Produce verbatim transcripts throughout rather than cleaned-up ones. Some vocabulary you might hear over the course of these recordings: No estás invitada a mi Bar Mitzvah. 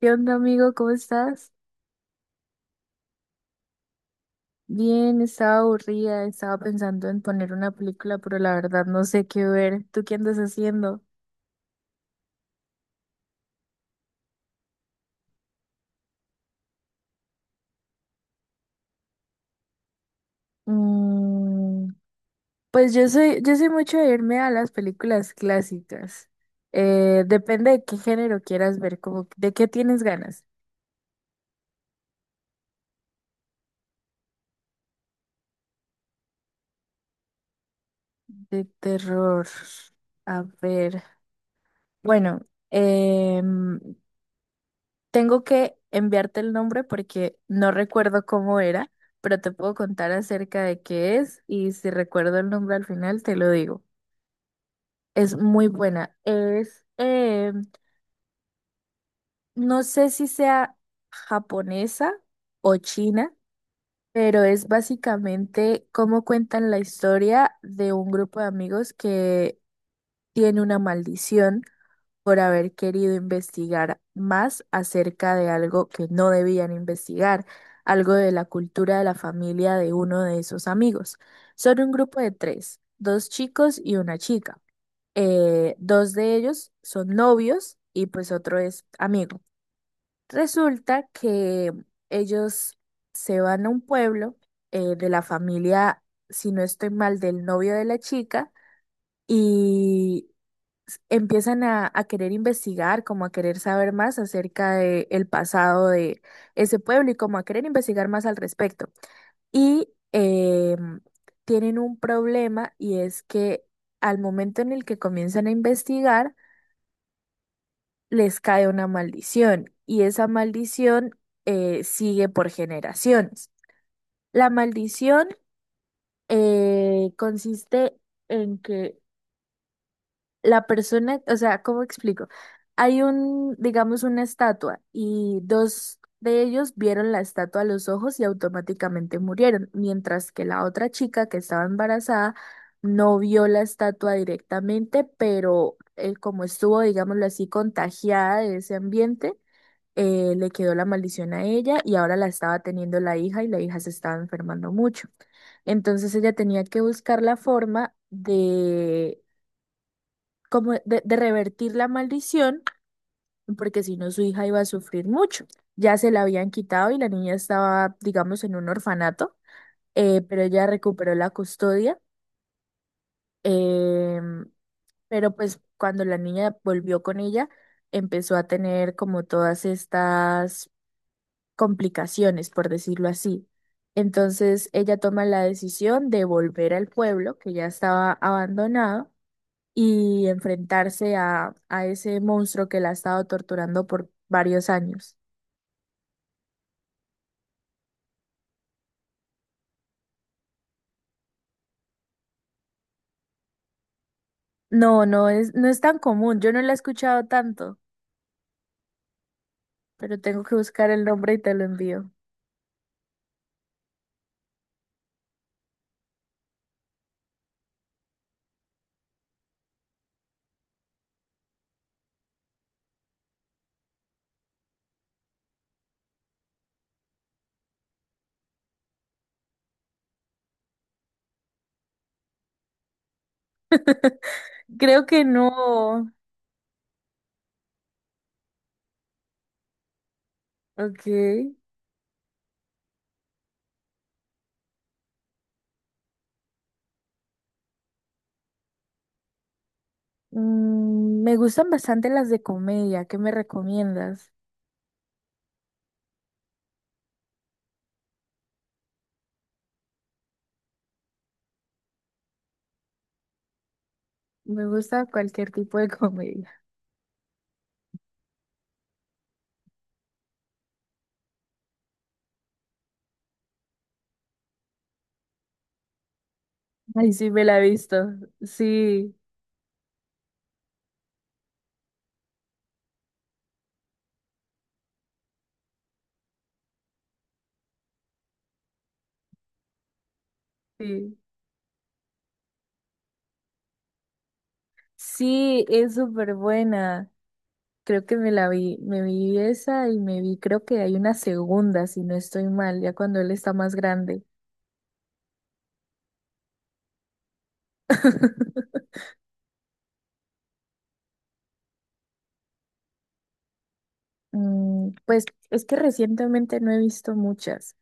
¿Qué onda, amigo? ¿Cómo estás? Bien, estaba aburrida, estaba pensando en poner una película, pero la verdad no sé qué ver. ¿Tú qué andas haciendo? Mm, pues yo soy, yo soy mucho de irme a las películas clásicas. Eh, depende de qué género quieras ver, como de qué tienes ganas. De terror. A ver. Bueno, em, tengo que enviarte el nombre porque no recuerdo cómo era, pero te puedo contar acerca de qué es y si recuerdo el nombre al final te lo digo. Es muy buena. Es, eh, no sé si sea japonesa o china, pero es básicamente cómo cuentan la historia de un grupo de amigos que tiene una maldición por haber querido investigar más acerca de algo que no debían investigar, algo de la cultura de la familia de uno de esos amigos. Son un grupo de tres, dos chicos y una chica. Eh, dos de ellos son novios y pues otro es amigo. Resulta que ellos se van a un pueblo eh, de la familia, si no estoy mal, del novio de la chica y empiezan a, a querer investigar, como a querer saber más acerca de el pasado de ese pueblo y como a querer investigar más al respecto. Y eh, Tienen un problema y es que al momento en el que comienzan a investigar, les cae una maldición y esa maldición eh, sigue por generaciones. La maldición eh, consiste en que la persona, o sea, ¿cómo explico? Hay un, digamos, una estatua y dos de ellos vieron la estatua a los ojos y automáticamente murieron, mientras que la otra chica que estaba embarazada no vio la estatua directamente, pero eh, como estuvo, digámoslo así, contagiada de ese ambiente, eh, le quedó la maldición a ella y ahora la estaba teniendo la hija y la hija se estaba enfermando mucho. Entonces ella tenía que buscar la forma de como de, de revertir la maldición, porque si no su hija iba a sufrir mucho. Ya se la habían quitado y la niña estaba, digamos, en un orfanato, eh, pero ella recuperó la custodia. em, pero pues cuando la niña volvió con ella, empezó a tener como todas estas complicaciones, por decirlo así. Entonces ella toma la decisión de volver al pueblo que ya estaba abandonado y enfrentarse a, a ese monstruo que la ha estado torturando por varios años. No, no es, no es tan común, yo no la he escuchado tanto, pero tengo que buscar el nombre y te lo envío. Creo que no. Ok. Mm, me gustan bastante las de comedia, ¿qué me recomiendas? Me gusta cualquier tipo de comedia. Ay, sí, me la he visto. Sí, sí. Sí, es súper buena. Creo que me la vi, me vi esa y me vi, creo que hay una segunda, si no estoy mal, ya cuando él está más grande. Mm, pues es que recientemente no he visto muchas,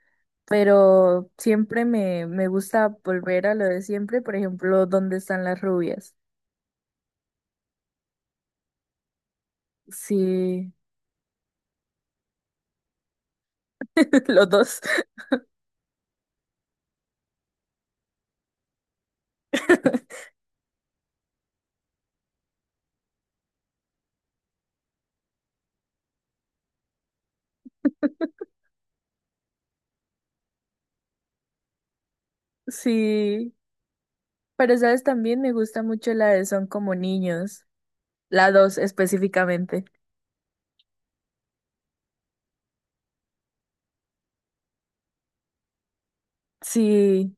pero siempre me, me gusta volver a lo de siempre, por ejemplo, ¿Dónde están las rubias? Sí, los dos. Sí, pero sabes, también me gusta mucho la de Son como niños, la dos específicamente. Sí,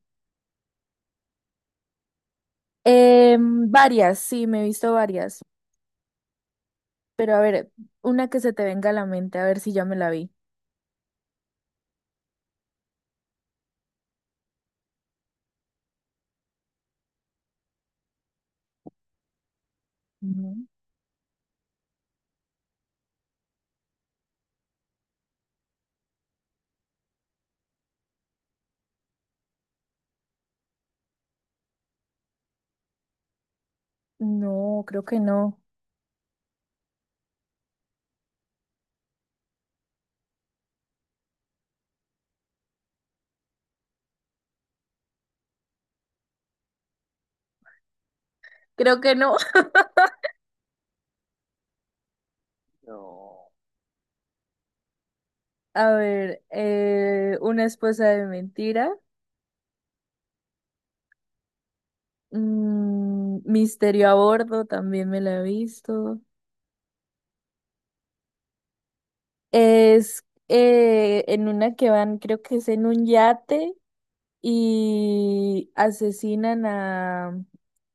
Em, varias, sí, me he visto varias. Pero a ver, una que se te venga a la mente, a ver si ya me la vi. Ujú. No, creo que no. Creo que no. A ver, eh, una esposa de mentira. Mm, Misterio a bordo, también me la he visto. Es eh, en una que van, creo que es en un yate y asesinan a,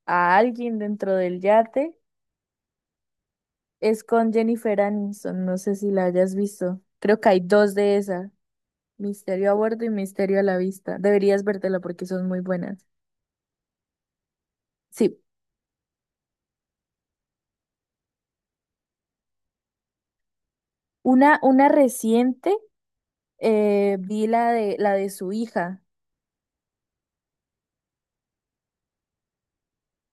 a alguien dentro del yate. Es con Jennifer Aniston, no sé si la hayas visto. Creo que hay dos de esas. Misterio a bordo y misterio a la vista. Deberías vértela porque son muy buenas. Sí, una, una reciente, eh, vi la de, la de su hija.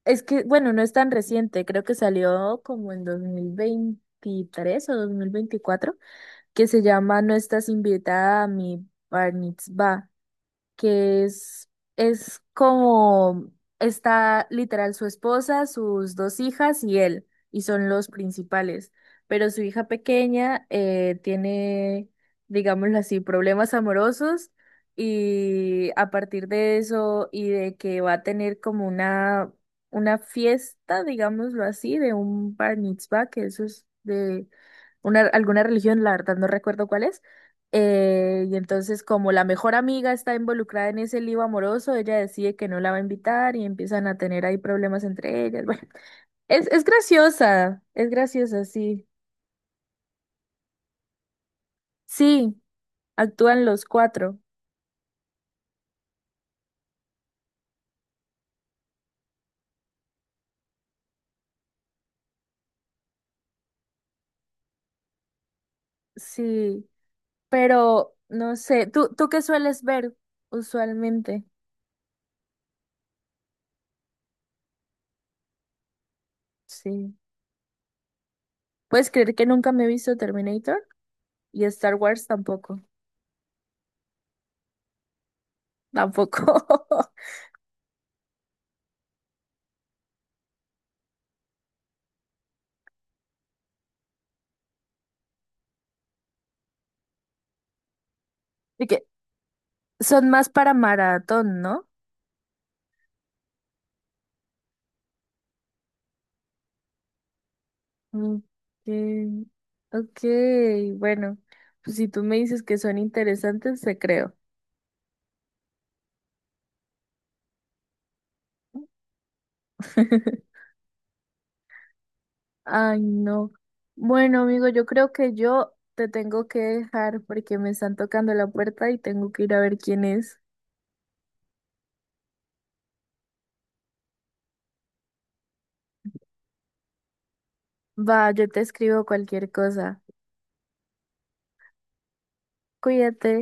Es que, bueno, no es tan reciente, creo que salió como en dos mil veintitrés o dos mil veinticuatro, que se llama No estás invitada a mi Bar Mitzvah. Que es, es como está literal su esposa, sus dos hijas y él, y son los principales. Pero su hija pequeña eh, tiene, digámoslo así, problemas amorosos y a partir de eso y de que va a tener como una, una, fiesta, digámoslo así, de un bar mitzvah, que eso es de una, alguna religión, la verdad no recuerdo cuál es eh, y entonces, como la mejor amiga está involucrada en ese lío amoroso, ella decide que no la va a invitar y empiezan a tener ahí problemas entre ellas. Bueno, es, es graciosa, es graciosa, sí. Sí, actúan los cuatro, sí. Pero, no sé, ¿tú, tú qué sueles ver usualmente? Sí. ¿Puedes creer que nunca me he visto Terminator? Y Star Wars tampoco, tampoco. ¿Y que son más para maratón, no? Okay. Okay, bueno, pues si tú me dices que son interesantes, te creo. Ay, no. Bueno, amigo, yo creo que yo te tengo que dejar porque me están tocando la puerta y tengo que ir a ver quién es. Va, yo te escribo cualquier cosa. Cuídate.